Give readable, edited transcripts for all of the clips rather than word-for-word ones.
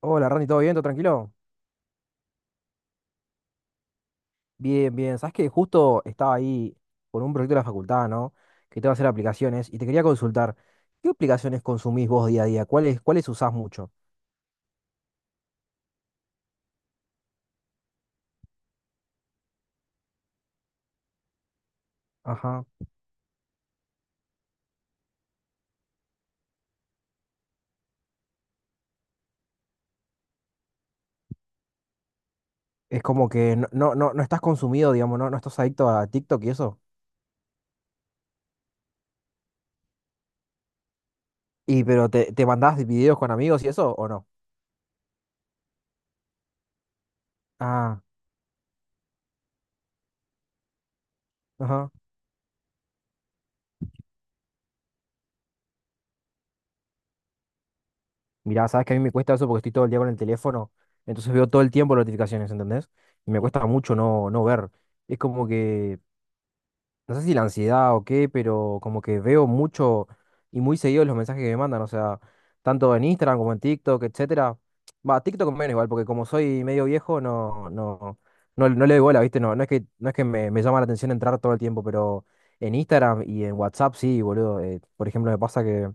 Hola, Randy, ¿todo bien? ¿Todo tranquilo? Bien, bien. Sabes que justo estaba ahí con un proyecto de la facultad, ¿no? Que te va a hacer aplicaciones y te quería consultar, ¿qué aplicaciones consumís vos día a día? ¿¿Cuáles usás mucho? Ajá. Es como que no, no, no, no estás consumido, digamos, no, no estás adicto a TikTok y eso. Y pero te mandás videos con amigos y eso, ¿o no? Ah, ajá. Mirá, sabes que a mí me cuesta eso porque estoy todo el día con el teléfono, entonces veo todo el tiempo notificaciones, ¿entendés? Y me cuesta mucho no, no ver. Es como que no sé si la ansiedad o qué, pero como que veo mucho y muy seguido los mensajes que me mandan, o sea, tanto en Instagram como en TikTok, etcétera. Va, TikTok menos igual, porque como soy medio viejo, no, no, no, no le doy bola, ¿viste? No, no es que, no es que me llama la atención entrar todo el tiempo, pero en Instagram y en WhatsApp sí, boludo. Por ejemplo, me pasa que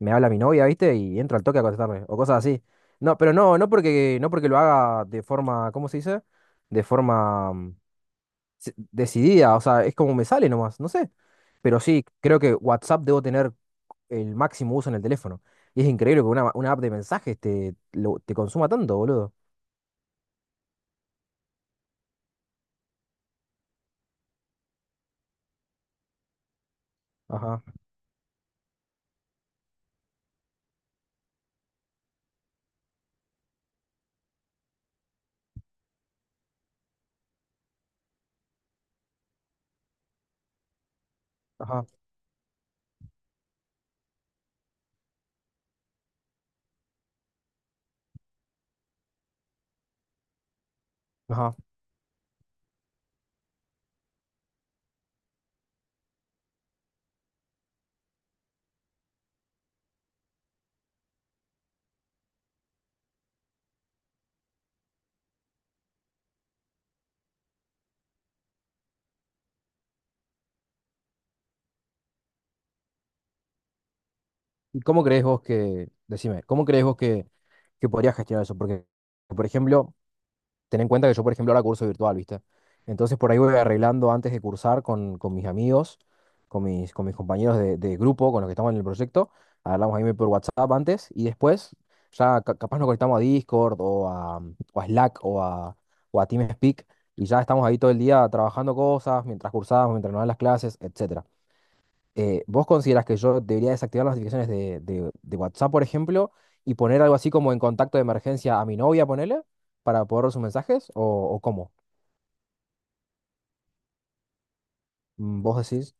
me habla mi novia, ¿viste? Y entro al toque a contestarle, o cosas así. No, pero no, no porque, no porque lo haga de forma, ¿cómo se dice? De forma decidida, o sea, es como me sale nomás, no sé. Pero sí, creo que WhatsApp debo tener el máximo uso en el teléfono. Y es increíble que una app de mensajes te, te consuma tanto, boludo. Ajá, ajá, ajá. ¿Y cómo crees vos que, decime, cómo crees vos que podrías gestionar eso? Porque, por ejemplo, ten en cuenta que yo, por ejemplo, ahora curso virtual, ¿viste? Entonces por ahí voy arreglando antes de cursar con mis amigos, con mis compañeros de grupo, con los que estamos en el proyecto. Hablamos ahí por WhatsApp antes y después ya capaz nos conectamos a Discord o a Slack o a TeamSpeak y ya estamos ahí todo el día trabajando cosas, mientras cursamos, mientras nos dan las clases, etcétera. ¿Vos considerás que yo debería desactivar las notificaciones de, de WhatsApp, por ejemplo, y poner algo así como en contacto de emergencia a mi novia, ponele, para poder ver sus mensajes? O cómo? Mm, ¿vos decís?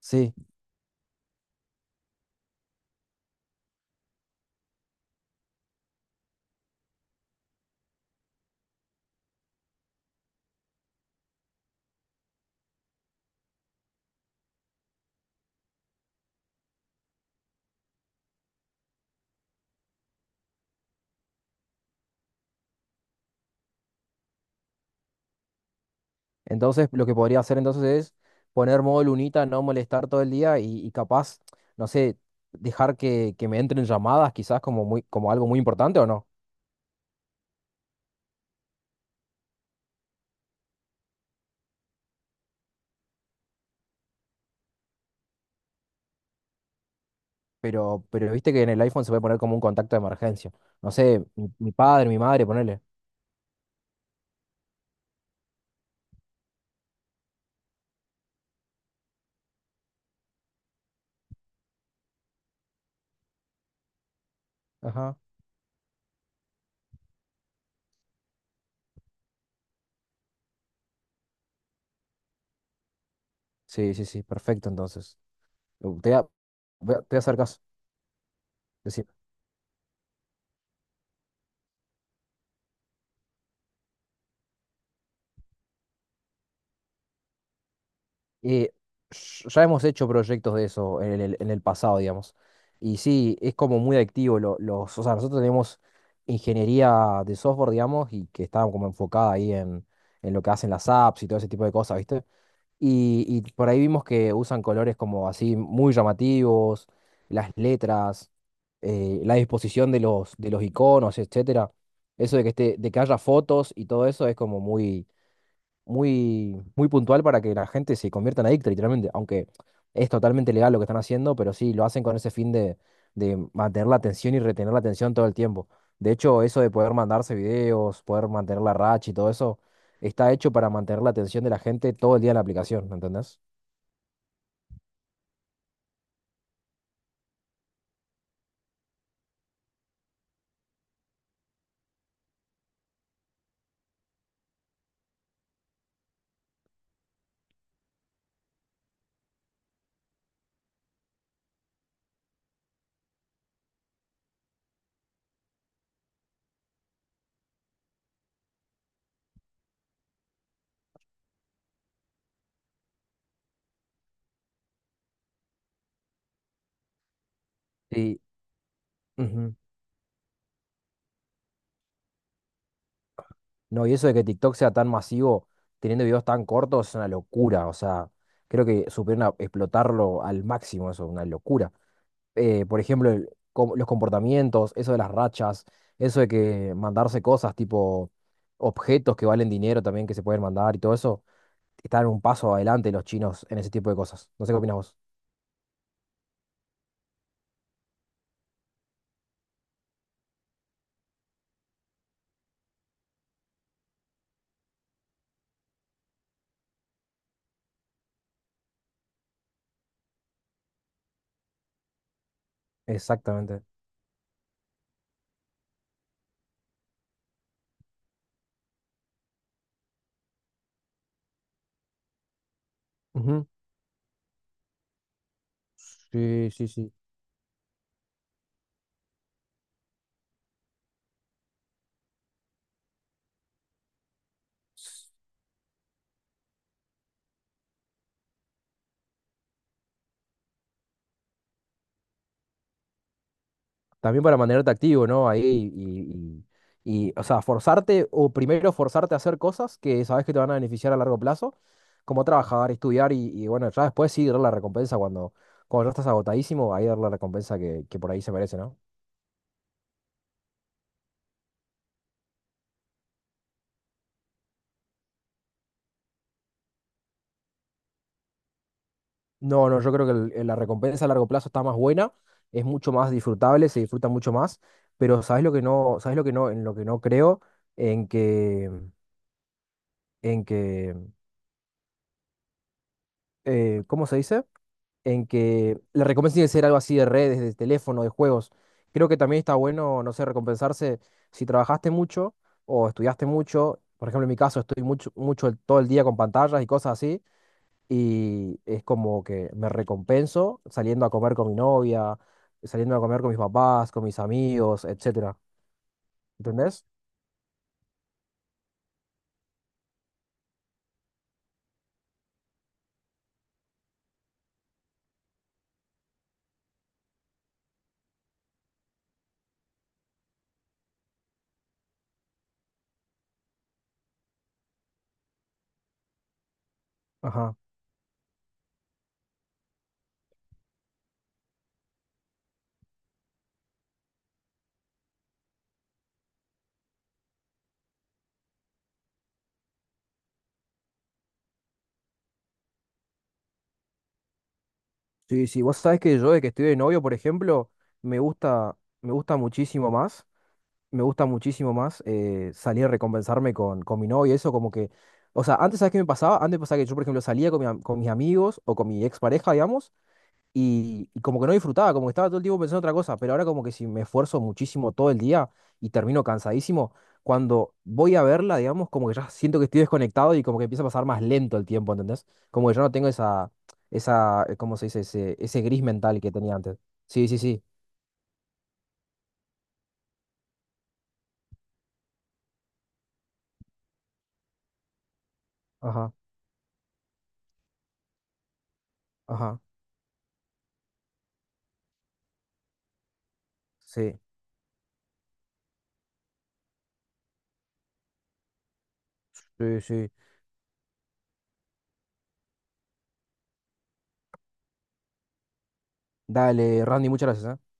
Sí. Entonces, lo que podría hacer entonces es poner modo lunita, no molestar todo el día y capaz, no sé, dejar que me entren llamadas, quizás como, muy, como algo muy importante o no. Pero viste que en el iPhone se puede poner como un contacto de emergencia. No sé, mi padre, mi madre, ponele. Ajá. Sí, sí, sí, perfecto entonces. Te voy a, te voy a hacer caso. Decir, eh, ya hemos hecho proyectos de eso en el pasado, digamos. Y sí, es como muy adictivo. Los, o sea, nosotros tenemos ingeniería de software, digamos, y que está como enfocada ahí en lo que hacen las apps y todo ese tipo de cosas, ¿viste? Y por ahí vimos que usan colores como así muy llamativos, las letras, la disposición de los iconos, etcétera. Eso de que esté, de que haya fotos y todo eso es como muy muy, muy puntual para que la gente se convierta en adicta, literalmente. Aunque es totalmente legal lo que están haciendo, pero sí, lo hacen con ese fin de mantener la atención y retener la atención todo el tiempo. De hecho, eso de poder mandarse videos, poder mantener la racha y todo eso, está hecho para mantener la atención de la gente todo el día en la aplicación, ¿entendés? Sí. Ujú. No, y eso de que TikTok sea tan masivo, teniendo videos tan cortos, es una locura. O sea, creo que supieron explotarlo al máximo, eso, una locura. Por ejemplo, los comportamientos, eso de las rachas, eso de que mandarse cosas tipo objetos que valen dinero también que se pueden mandar y todo eso, están un paso adelante los chinos en ese tipo de cosas. No sé qué opinas vos. Exactamente. Ujú. Sí, sí, sí. También para mantenerte activo, ¿no? Ahí y, y, o sea, forzarte, o primero forzarte a hacer cosas que sabes que te van a beneficiar a largo plazo, como trabajar, estudiar y bueno, ya después sí dar la recompensa cuando, cuando ya estás agotadísimo, ahí dar la recompensa que por ahí se merece, ¿no? No, no, yo creo que la recompensa a largo plazo está más buena, es mucho más disfrutable, se disfruta mucho más, pero ¿sabes lo que no, sabes lo que no, en lo que no creo? En que, en que, ¿cómo se dice? En que la recompensa tiene que ser algo así de redes, de teléfono, de juegos. Creo que también está bueno, no sé, recompensarse si trabajaste mucho o estudiaste mucho. Por ejemplo, en mi caso estoy mucho, mucho todo el día con pantallas y cosas así. Y es como que me recompenso saliendo a comer con mi novia, saliendo a comer con mis papás, con mis amigos, etcétera. ¿Entendés? Ajá. Sí, sí. Vos sabés que yo de que estoy de novio, por ejemplo, me gusta muchísimo más me gusta muchísimo más salir a recompensarme con mi novia, eso como que, o sea, antes, ¿sabes qué me pasaba? Antes pasaba que yo, por ejemplo, salía con, con mis amigos o con mi expareja, digamos, y como que no disfrutaba, como que estaba todo el tiempo pensando en otra cosa, pero ahora como que si me esfuerzo muchísimo todo el día y termino cansadísimo, cuando voy a verla, digamos, como que ya siento que estoy desconectado y como que empieza a pasar más lento el tiempo, ¿entendés? Como que yo no tengo esa, esa, ¿cómo se dice? Ese gris mental que tenía antes. Sí, sí, sí. Ajá, ajá. Sí, sí, sí. Dale, Randy, muchas gracias, ¿eh?